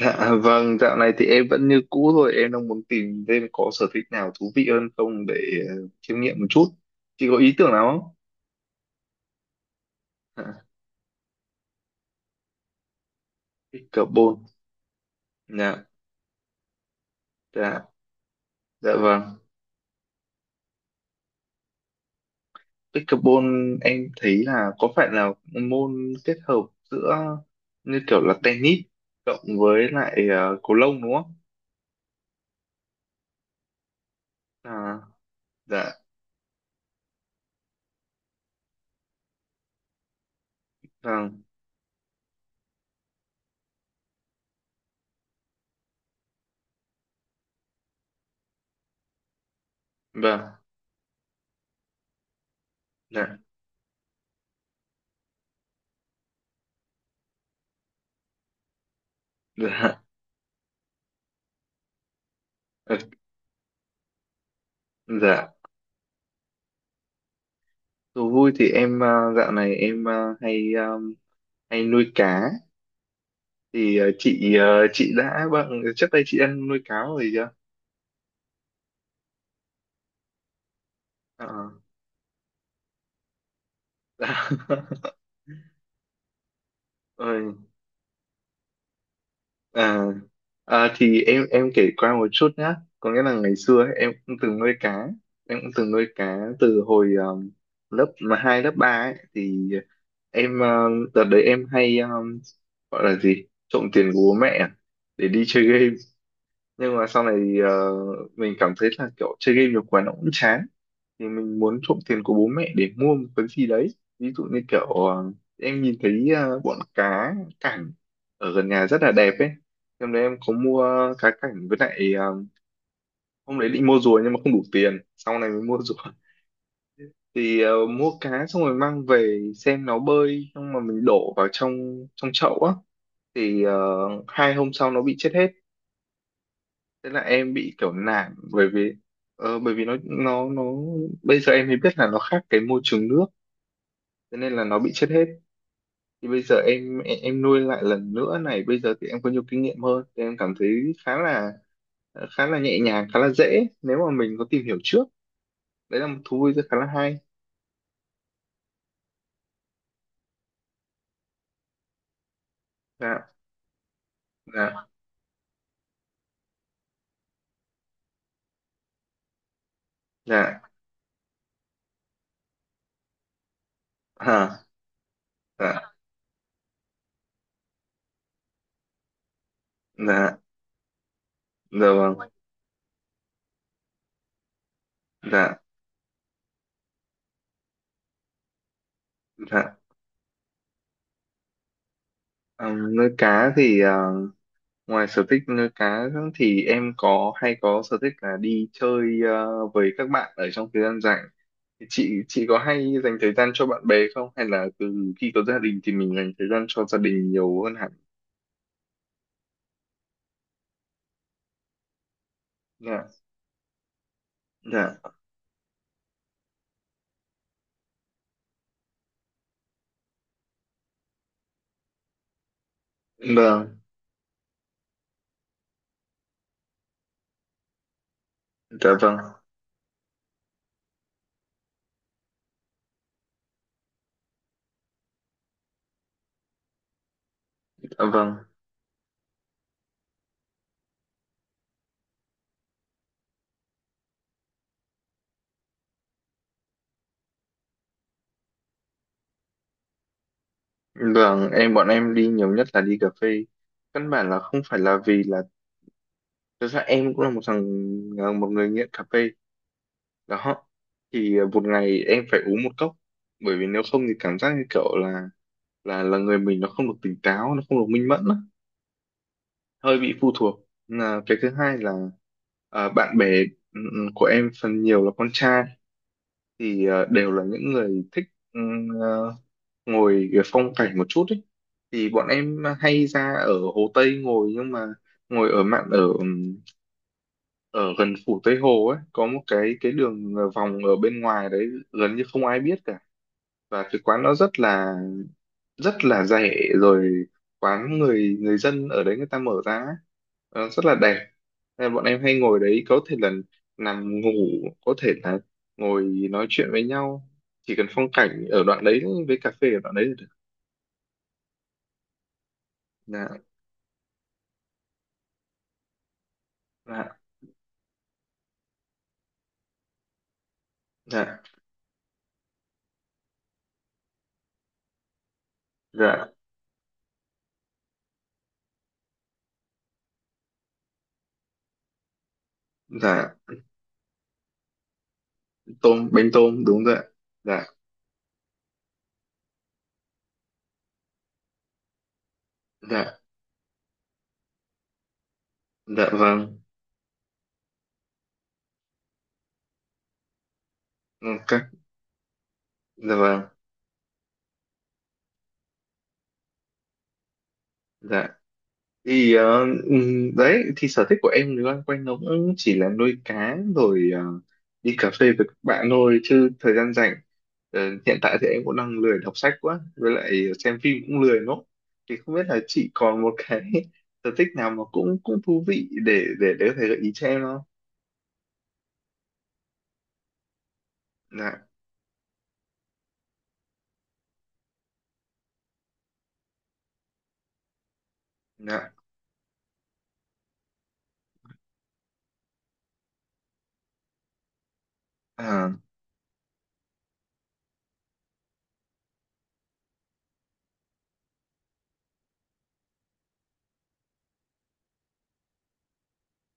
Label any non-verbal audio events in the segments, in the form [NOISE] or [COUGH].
Dạ vâng, dạo này thì em vẫn như cũ thôi, em đang muốn tìm thêm có sở thích nào thú vị hơn không để ờ, chiêm nghiệm một chút. Chị có ý tưởng nào không? À, pickleball. Dạ, dạ, dạ vâng. Pickleball em thấy là có phải là môn kết hợp giữa như kiểu là tennis cộng với lại cầu lông đúng không? À, dạ, vâng, vâng, dạ, dạ, [LAUGHS] dạ. Thú vui thì em dạo này em hay hay nuôi cá thì chị chị đã vâng trước đây chị ăn nuôi cáo rồi chưa. Ờ. [LAUGHS] Ôi, à, à, thì em kể qua một chút nhá, có nghĩa là ngày xưa ấy, em cũng từng nuôi cá, em cũng từng nuôi cá từ hồi lớp mà hai lớp ba ấy, thì em đợt đấy em hay gọi là gì trộm tiền của bố mẹ à, để đi chơi game, nhưng mà sau này ờ, mình cảm thấy là kiểu chơi game nhiều quá nó cũng chán, thì mình muốn trộm tiền của bố mẹ để mua một cái gì đấy, ví dụ như kiểu em nhìn thấy bọn cá cảnh ở gần nhà rất là đẹp ấy, hôm đấy em có mua cá cảnh với lại hôm đấy định mua rùa nhưng mà không đủ tiền sau này mới mua rùa, thì mua cá xong rồi mang về xem nó bơi xong mà mình đổ vào trong trong chậu á, thì hai hôm sau nó bị chết hết, thế là em bị kiểu nản, bởi vì bởi vì nó bây giờ em mới biết là nó khác cái môi trường nước, thế nên là nó bị chết hết, thì bây giờ em nuôi lại lần nữa này, bây giờ thì em có nhiều kinh nghiệm hơn thì em cảm thấy khá là khá là nhẹ nhàng, khá là dễ nếu mà mình có tìm hiểu trước, đấy là một thú vui rất khá là hay. Dạ, dạ, dạ, à, dạ, dạ, dạ vâng, dạ, dạ. Nuôi cá thì ngoài sở thích nuôi cá thì em có hay có sở thích là đi chơi với các bạn ở trong thời gian rảnh. Thì chị có hay dành thời gian cho bạn bè không? Hay là từ khi có gia đình thì mình dành thời gian cho gia đình nhiều hơn hẳn? Dạ, dạ, vâng, dạ vâng, dạ vâng, vâng. Em bọn em đi nhiều nhất là đi cà phê. Căn bản là không phải là vì là thực ra em cũng là một thằng, là một người nghiện cà phê đó. Thì một ngày em phải uống một cốc, bởi vì nếu không thì cảm giác như kiểu là là người mình nó không được tỉnh táo, nó không được minh mẫn á, hơi bị phụ thuộc. Là cái thứ hai là à, bạn bè của em phần nhiều là con trai, thì đều là những người thích ừ, ờ, ngồi kiểu phong cảnh một chút ấy, thì bọn em hay ra ở Hồ Tây ngồi, nhưng mà ngồi ở mạn ở ở gần phủ Tây Hồ ấy có một cái đường à, vòng ở bên ngoài đấy gần như không ai biết cả, và cái quán nó rất là rẻ, rồi quán người người dân ở đấy người ta mở ra ấy. Ờ, rất là đẹp. Nên là bọn em hay ngồi đấy, có thể là nằm ngủ, có thể là ngồi nói chuyện với nhau, chỉ cần phong cảnh ở đoạn đấy với cà phê ở đoạn đấy là được. Dạ, dạ, dạ, dạ, dạ, tôm bánh tôm đúng rồi ạ. Dạ, dạ, dạ vâng, ok, dạ vâng, dạ, thì đấy thì sở thích của em thì loanh quanh nó cũng chỉ là nuôi cá rồi đi cà phê với các bạn thôi, chứ thời gian rảnh ờ, hiện tại thì em cũng đang lười đọc sách quá, với lại xem phim cũng lười lắm, thì không biết là chị còn một cái [LAUGHS] sở thích nào mà cũng cũng thú vị để để có thể gợi ý cho em không. Dạ, dạ, à,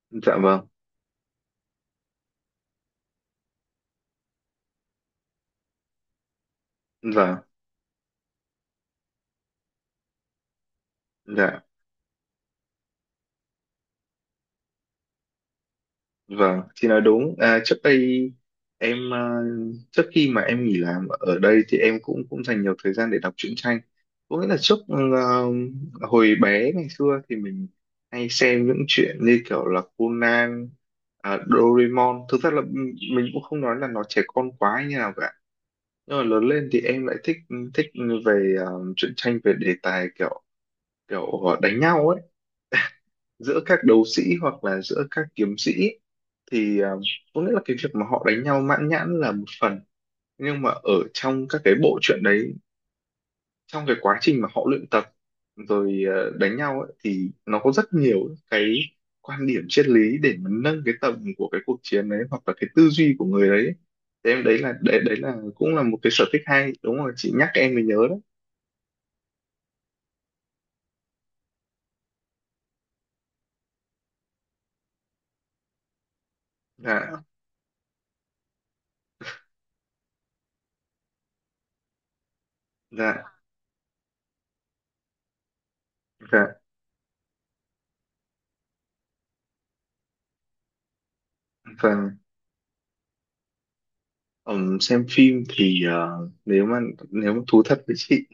dạ vâng, dạ, dạ. Vâng, chị nói đúng. À, trước đây em à, trước khi mà em nghỉ làm ở đây thì em cũng cũng dành nhiều thời gian để đọc truyện tranh. Có nghĩa là trước à, hồi bé ngày xưa thì mình hay xem những chuyện như kiểu là Conan, à, Doraemon. Thực ra là mình cũng không nói là nó trẻ con quá như nào cả. Nhưng mà lớn lên thì em lại thích thích về à, truyện tranh về đề tài kiểu kiểu đánh nhau ấy, giữa các đấu sĩ hoặc là giữa các kiếm sĩ, thì à, có nghĩa là cái việc mà họ đánh nhau mãn nhãn là một phần, nhưng mà ở trong các cái bộ truyện đấy, trong cái quá trình mà họ luyện tập rồi đánh nhau ấy, thì nó có rất nhiều cái quan điểm triết lý để mà nâng cái tầm của cái cuộc chiến đấy, hoặc là cái tư duy của người đấy, thế em đấy là đấy là cũng là một cái sở thích hay, đúng rồi chị nhắc em mới nhớ đó. Dạ, dạ, dạ và xem phim thì nếu mà thú thật với chị,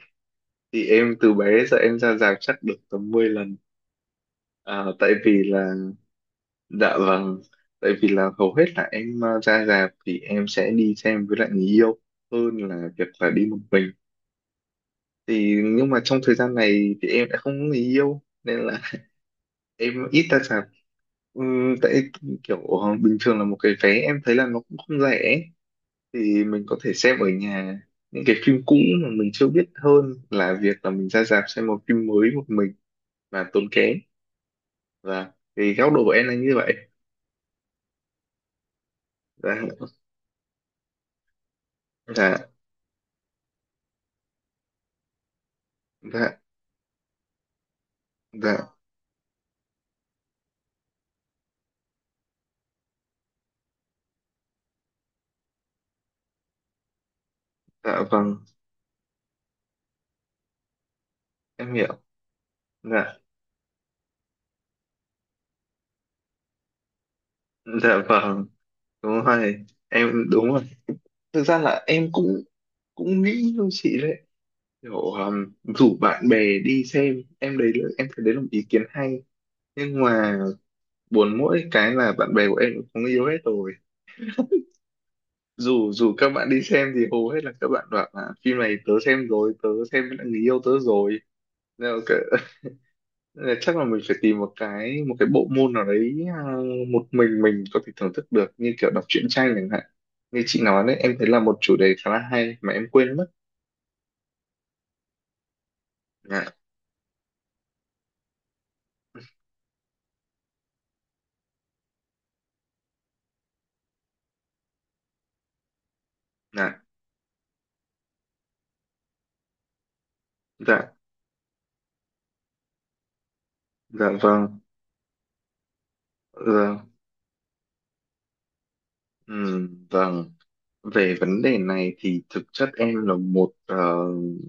thì em từ bé giờ em ra rạp chắc được tầm 10 lần. À, tại vì là, dạ vâng, tại vì là hầu hết là em ra rạp thì em sẽ đi xem với lại người yêu hơn là việc là đi một mình. Thì nhưng mà trong thời gian này thì em đã không có người yêu nên là [LAUGHS] em ít ra rạp. Tại kiểu bình thường là một cái vé em thấy là nó cũng không rẻ, thì mình có thể xem ở nhà những cái phim cũ mà mình chưa biết, hơn là việc là mình ra rạp xem một phim mới một mình và tốn kém. Dạ, thì góc độ của em là như vậy. Dạ, dạ, dạ, dạ, dạ vâng, em hiểu. Dạ, dạ vâng, đúng rồi, em đúng rồi. Thực ra là em cũng cũng nghĩ như chị đấy, kiểu rủ bạn bè đi xem, em đấy là- em thấy đấy là một ý kiến hay. Nhưng mà buồn mỗi cái là bạn bè của em cũng có người yêu hết rồi. Dù dù các bạn đi xem thì hầu hết là các bạn bảo là phim này tớ xem rồi, tớ xem với lại người yêu tớ rồi. Nên chắc là mình phải tìm một cái bộ môn nào đấy à, một mình có thể thưởng thức được, như kiểu đọc truyện tranh chẳng hạn như chị nói đấy, em thấy là một chủ đề khá là hay mà em quên mất. Dạ, dạ, dạ, dạ vâng, dạ, vâng. Về vấn đề này thì thực chất em là một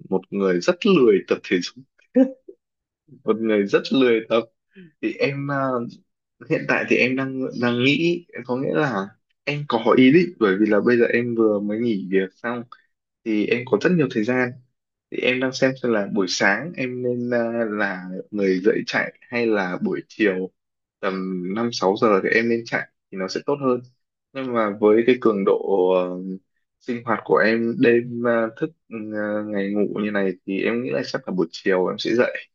một người rất lười tập thể dục, [LAUGHS] một người rất lười tập, thì em à, hiện tại thì em đang đang nghĩ, có nghĩa là em có ý định, bởi vì là bây giờ em vừa mới nghỉ việc xong thì em có rất nhiều thời gian, thì em đang xem là buổi sáng em nên à, là người dậy chạy hay là buổi chiều tầm 5-6 giờ thì em nên chạy thì nó sẽ tốt hơn. Nhưng mà với cái cường độ ờ, sinh hoạt của em đêm à, thức à, ngày ngủ như này thì em nghĩ là chắc là buổi chiều em sẽ dậy.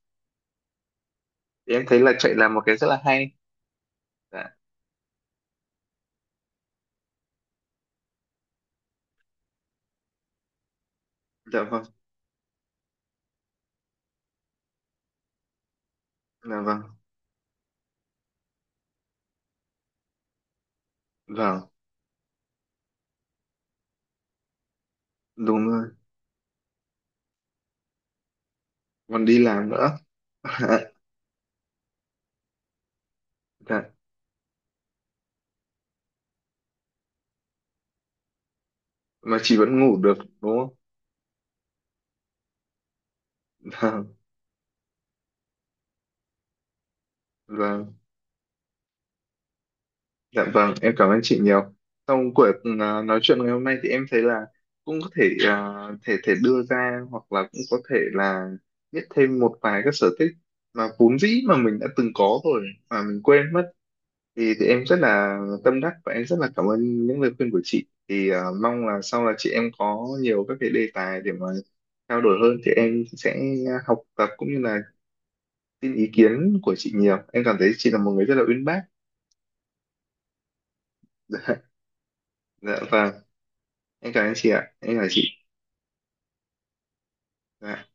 Thì em thấy là chạy là một cái rất là hay. Dạ, dạ vâng, dạ vâng, vâng. Đúng rồi, còn đi làm nữa. [LAUGHS] Dạ. Mà chị vẫn ngủ được đúng không. [LAUGHS] Vâng, vâng, dạ vâng, em cảm ơn chị nhiều, sau cuộc à, nói chuyện ngày hôm nay thì em thấy là cũng có thể à, thể thể đưa ra, hoặc là cũng có thể là biết thêm một vài các sở thích mà vốn dĩ mà mình đã từng có rồi mà mình quên mất, thì, em rất là tâm đắc và em rất là cảm ơn những lời khuyên của chị, thì mong là sau là chị em có nhiều các cái đề tài để mà trao đổi hơn, thì em sẽ học tập cũng như là xin ý kiến của chị nhiều, em cảm thấy chị là một người rất là uyên bác. [LAUGHS] Dạ, dạ vâng em cảm ơn chị ạ, em cảm ơn chị. Dạ.